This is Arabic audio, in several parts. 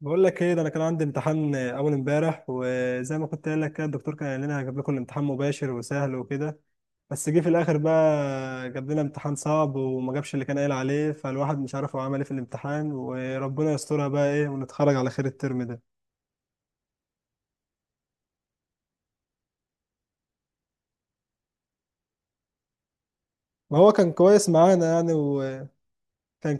بقول لك ايه؟ ده انا كان عندي امتحان اول امبارح، وزي ما كنت قايل لك كده الدكتور كان قال لنا هجيب لكم الامتحان مباشر وسهل وكده. بس جه في الاخر بقى جاب لنا امتحان صعب، وما جابش اللي كان قايل عليه، فالواحد مش عارف هو عمل ايه في الامتحان، وربنا يسترها بقى ايه ونتخرج على خير الترم ده. ما هو كان كويس معانا يعني، وكان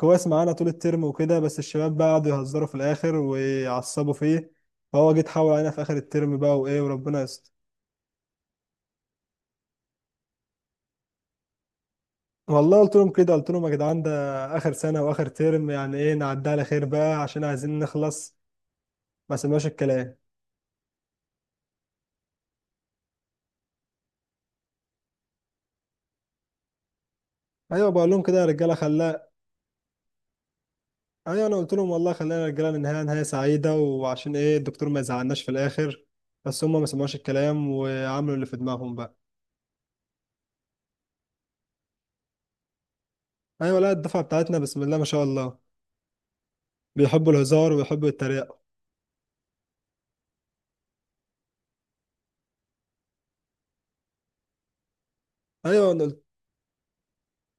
كويس معانا طول الترم وكده، بس الشباب بقى قعدوا يهزروا في الاخر ويعصبوا فيه، فهو جه اتحول علينا في اخر الترم بقى وايه، وربنا يستر. والله قلت لهم كده، قلت لهم يا جدعان ده اخر سنه واخر ترم، يعني ايه نعدي على خير بقى عشان عايزين نخلص. ما سمعوش الكلام. ايوه بقول لهم كده يا رجاله خلاق. ايوه انا قلت لهم والله خلينا يا رجاله ننهيها نهايه سعيده، وعشان ايه الدكتور ما يزعلناش في الاخر. بس هم ما سمعوش الكلام وعملوا اللي في دماغهم بقى. ايوه لا، الدفعه بتاعتنا بسم الله ما شاء الله بيحبوا الهزار ويحبوا يتريقوا. ايوه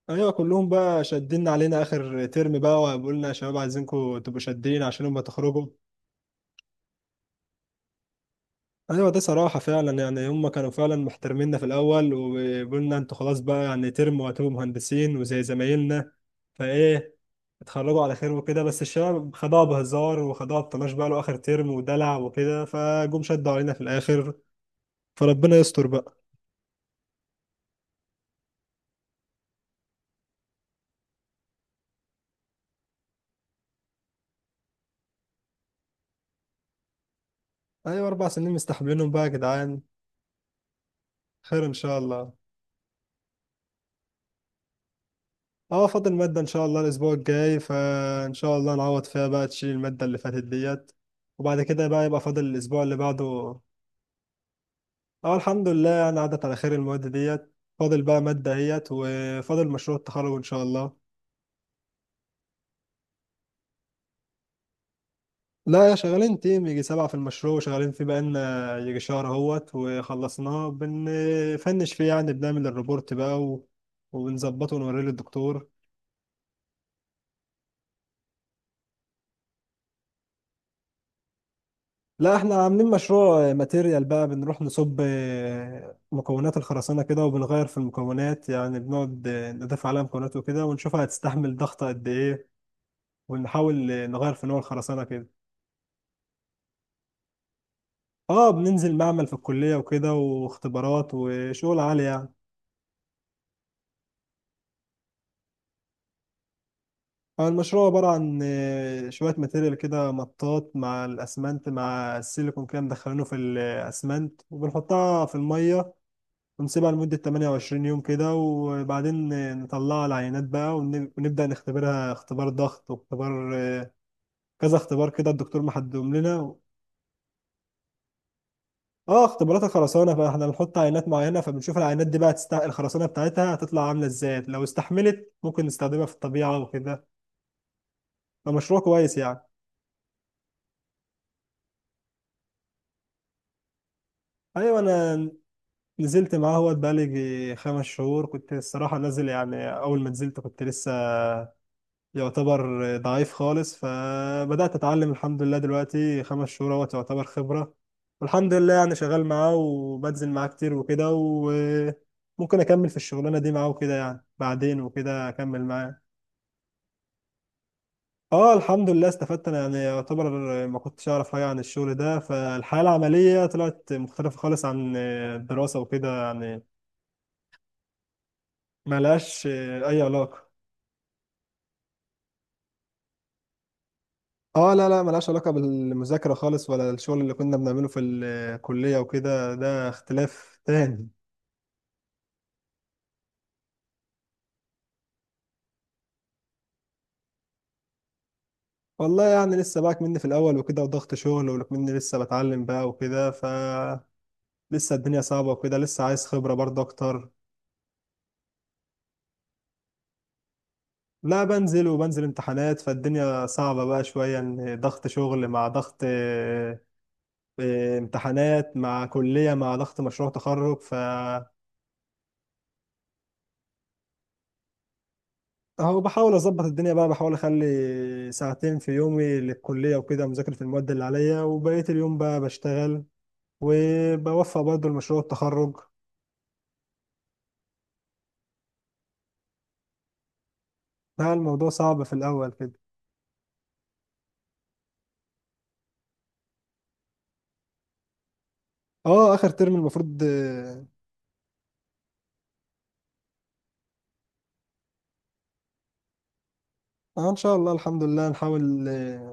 ايوه كلهم بقى شادين علينا اخر ترم بقى، وبيقولنا يا شباب عايزينكم تبقوا شادين عشان هم تخرجوا. ايوه ده صراحه فعلا، يعني هم كانوا فعلا محترميننا في الاول، وقلنا انتوا خلاص بقى يعني ترم وهتبقوا مهندسين وزي زمايلنا، فايه اتخرجوا على خير وكده. بس الشباب خدوها بهزار وخدوها بطناش بقى له اخر ترم ودلع وكده، فجم شدوا علينا في الاخر، فربنا يستر بقى. ايوه اربع سنين مستحملينهم بقى يا جدعان. خير ان شاء الله. اه فاضل ماده ان شاء الله الاسبوع الجاي، فان شاء الله نعوض فيها بقى تشيل الماده اللي فاتت ديت. وبعد كده بقى يبقى فاضل الاسبوع اللي بعده. اه الحمد لله، يعني عدت على خير المواد ديت، فاضل بقى مادة اهيت، وفاضل مشروع التخرج ان شاء الله. لا يا، شغالين تيم يجي سبعة في المشروع، وشغالين فيه بقالنا يجي شهر اهوت وخلصناه، بنفنش فيه يعني، بنعمل الريبورت بقى وبنظبطه ونوريه للدكتور. لا احنا عاملين مشروع ماتيريال بقى، بنروح نصب مكونات الخرسانة كده وبنغير في المكونات، يعني بنقعد نضيف عليها مكونات وكده ونشوفها هتستحمل ضغط قد ايه، ونحاول نغير في نوع الخرسانة كده. اه بننزل معمل في الكلية وكده، واختبارات وشغل عالي يعني. المشروع عبارة عن شوية ماتيريال كده، مطاط مع الأسمنت مع السيليكون كده، مدخلينه في الأسمنت وبنحطها في المية، ونسيبها لمدة 28 يوم كده، وبعدين نطلعها العينات بقى، ونبدأ نختبرها اختبار ضغط واختبار كذا اختبار كده الدكتور محددهم لنا. اه اختبارات الخرسانه، فاحنا بنحط عينات معينه، فبنشوف العينات دي بقى الخرسانه بتاعتها هتطلع عامله ازاي، لو استحملت ممكن نستخدمها في الطبيعه وكده، فمشروع كويس يعني. ايوه انا نزلت معاه، هو بقالي يجي خمس شهور، كنت الصراحه نازل، يعني اول ما نزلت كنت لسه يعتبر ضعيف خالص، فبدات اتعلم الحمد لله، دلوقتي خمس شهور اهوت يعتبر خبره، والحمد لله يعني شغال معاه وبنزل معاه كتير وكده، و ممكن اكمل في الشغلانه دي معاه وكده يعني، بعدين وكده اكمل معاه. اه الحمد لله استفدت انا يعني، يعتبر ما كنتش اعرف حاجه عن الشغل ده، فالحياه العمليه طلعت مختلفه خالص عن الدراسه وكده يعني. ما لهاش اي علاقه. اه لا لا، ما لهاش علاقه بالمذاكره خالص، ولا الشغل اللي كنا بنعمله في الكليه وكده، ده اختلاف تاني. والله يعني لسه بقى مني في الاول وكده، وضغط شغل، ومني لسه بتعلم بقى وكده، ف لسه الدنيا صعبه وكده، لسه عايز خبره برضه اكتر. لا بنزل، وبنزل امتحانات، فالدنيا صعبة بقى شوية، ان ضغط شغل مع ضغط امتحانات مع كلية مع ضغط مشروع تخرج، ف اهو بحاول اظبط الدنيا بقى، بحاول اخلي ساعتين في يومي للكلية وكده مذاكرة في المواد اللي عليا، وبقية اليوم بقى بشتغل، وبوفق برضه لمشروع التخرج. لا الموضوع صعب في الاول كده. اه اخر ترم المفروض اه. ان شاء الله الحمد لله، نحاول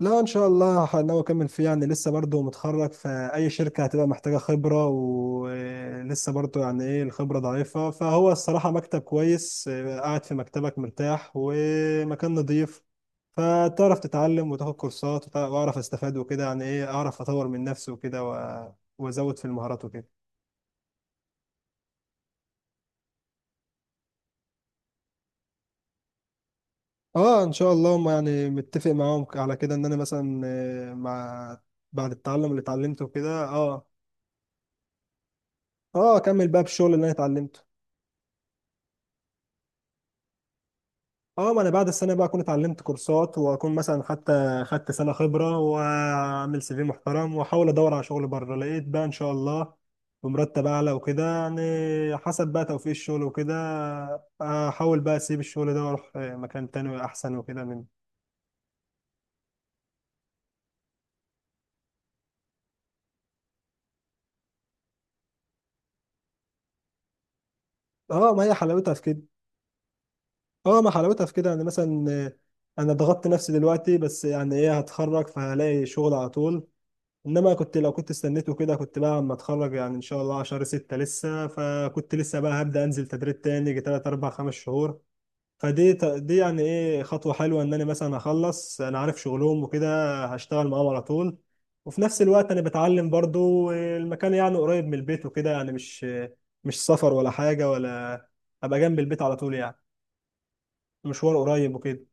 لا ان شاء الله ناوي اكمل فيه، يعني لسه برضه متخرج، فاي شركه هتبقى محتاجه خبره، ولسه برضه يعني ايه الخبره ضعيفه، فهو الصراحه مكتب كويس، قاعد في مكتبك مرتاح ومكان نظيف، فتعرف تتعلم وتاخد كورسات، واعرف استفاد وكده، يعني ايه اعرف اطور من نفسي وكده، وازود في المهارات وكده. اه ان شاء الله، هم يعني متفق معاهم على كده، ان انا مثلا مع بعد التعلم اللي اتعلمته كده اه. اه اكمل بقى بالشغل اللي انا اتعلمته. اه ما انا بعد السنه بقى اكون اتعلمت كورسات، واكون مثلا حتى خدت سنه خبره، واعمل سي في محترم، واحاول ادور على شغل بره، لقيت بقى ان شاء الله بمرتب اعلى وكده يعني. حسب بقى توفيق الشغل وكده، احاول بقى اسيب الشغل ده واروح مكان تاني احسن وكده من اه. ما هي حلاوتها في كده. اه ما حلاوتها في كده، يعني مثلا انا ضغطت نفسي دلوقتي، بس يعني ايه هتخرج فهلاقي شغل على طول، انما كنت لو كنت استنيته كده، كنت بقى اما اتخرج يعني ان شاء الله على شهر ستة لسه، فكنت لسه بقى هبدأ انزل تدريب تاني يجي تلات اربع خمس شهور. دي يعني ايه خطوة حلوة، ان انا مثلا اخلص انا عارف شغلهم وكده، هشتغل معاهم على طول، وفي نفس الوقت انا بتعلم برضو. المكان يعني قريب من البيت وكده، يعني مش سفر ولا حاجة ولا، ابقى جنب البيت على طول يعني، مشوار قريب وكده.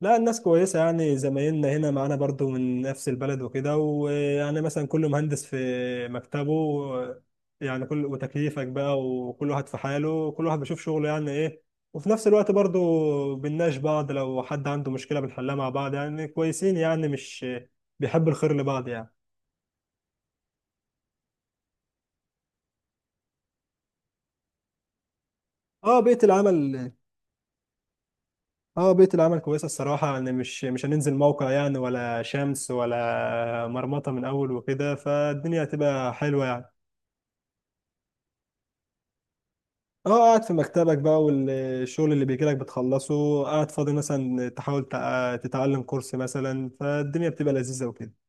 لا الناس كويسة يعني، زمايلنا هنا معانا برضو من نفس البلد وكده، ويعني مثلا كل مهندس في مكتبه، يعني كل وتكييفك بقى، وكل واحد في حاله، كل واحد بيشوف شغله يعني ايه، وفي نفس الوقت برضو بنناقش بعض، لو حد عنده مشكلة بنحلها مع بعض، يعني كويسين، يعني مش بيحب الخير لبعض يعني. اه بيئة العمل، اه بيئة العمل كويسة الصراحة يعني، مش هننزل موقع يعني، ولا شمس ولا مرمطة من أول وكده، فالدنيا هتبقى حلوة يعني. اه قاعد في مكتبك بقى، والشغل اللي بيجيلك بتخلصه، قاعد فاضي مثلا تحاول تتعلم كورس مثلا، فالدنيا بتبقى لذيذة وكده.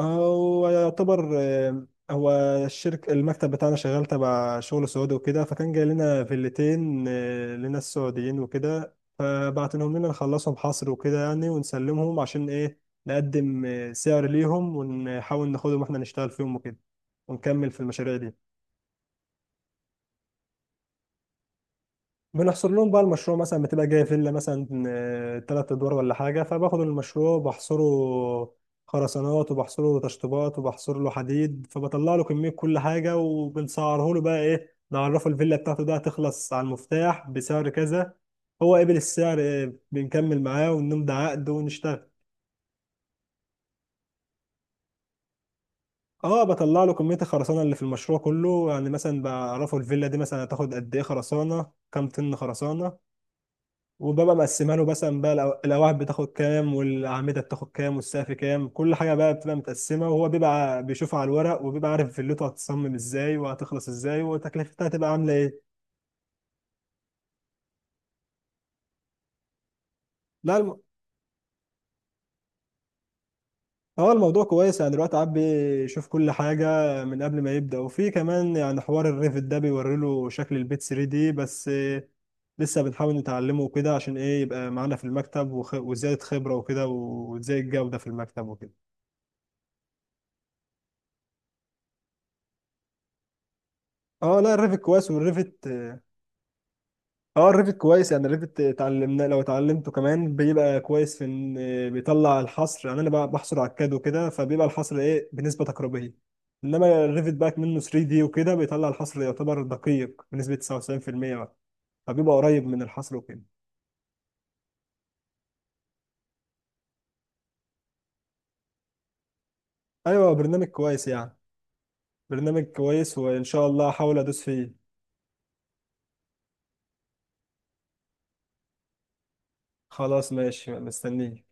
هو يعتبر آه، هو الشركة المكتب بتاعنا شغال تبع شغل سعودي وكده، فكان جاي لنا فيلتين لناس سعوديين وكده، فبعتنهم لنا نخلصهم حصر وكده يعني ونسلمهم، عشان ايه نقدم سعر ليهم ونحاول ناخدهم واحنا نشتغل فيهم وكده، ونكمل في المشاريع دي. بنحصر لهم بقى المشروع، مثلا بتبقى جايه فيلا مثلا ثلاث ادوار ولا حاجه، فباخد المشروع بحصره خرسانات، وبحصره تشطيبات، وبحصر له حديد، فبطلع له كميه كل حاجه، وبنسعره له بقى ايه، نعرفه الفيلا بتاعته ده هتخلص على المفتاح بسعر كذا، هو قبل السعر إيه، بنكمل معاه ونمضي عقد ونشتغل. اه بطلع له كميه الخرسانه اللي في المشروع كله، يعني مثلا بعرفه الفيلا دي مثلا هتاخد قد ايه خرسانه، كام طن خرسانه، وبابا مقسمها له مثلا بقى، الأواعي بتاخد كام، والأعمدة بتاخد كام، والسقف كام، كل حاجة بقى بتبقى متقسمة، وهو بيبقى بيشوفها على الورق، وبيبقى عارف فيلته هتصمم ازاي وهتخلص ازاي، وتكلفتها هتبقى عاملة ايه. لا الم... هو الموضوع كويس يعني، دلوقتي عاد بيشوف كل حاجة من قبل ما يبدأ، وفي كمان يعني حوار الريفت ده بيوري له شكل البيت 3D بس، لسه بنحاول نتعلمه وكده، عشان ايه يبقى معانا في المكتب، وزيادة خبرة وكده، وزي الجودة في المكتب وكده. اه لا الريفت كويس، والريفت، اه الريفت كويس يعني، الريفت اتعلمنا، لو اتعلمته كمان بيبقى كويس، في ان بيطلع الحصر، يعني انا بقى بحصر على الكاد وكده، فبيبقى الحصر ايه بنسبه تقريبيه، انما الريفت بقى منه 3 دي وكده، بيطلع الحصر يعتبر دقيق بنسبه 99% بقى، فبيبقى قريب من الحصر وكده. ايوه برنامج كويس يعني، برنامج كويس وان شاء الله هحاول ادوس فيه. خلاص ماشي مستنيه.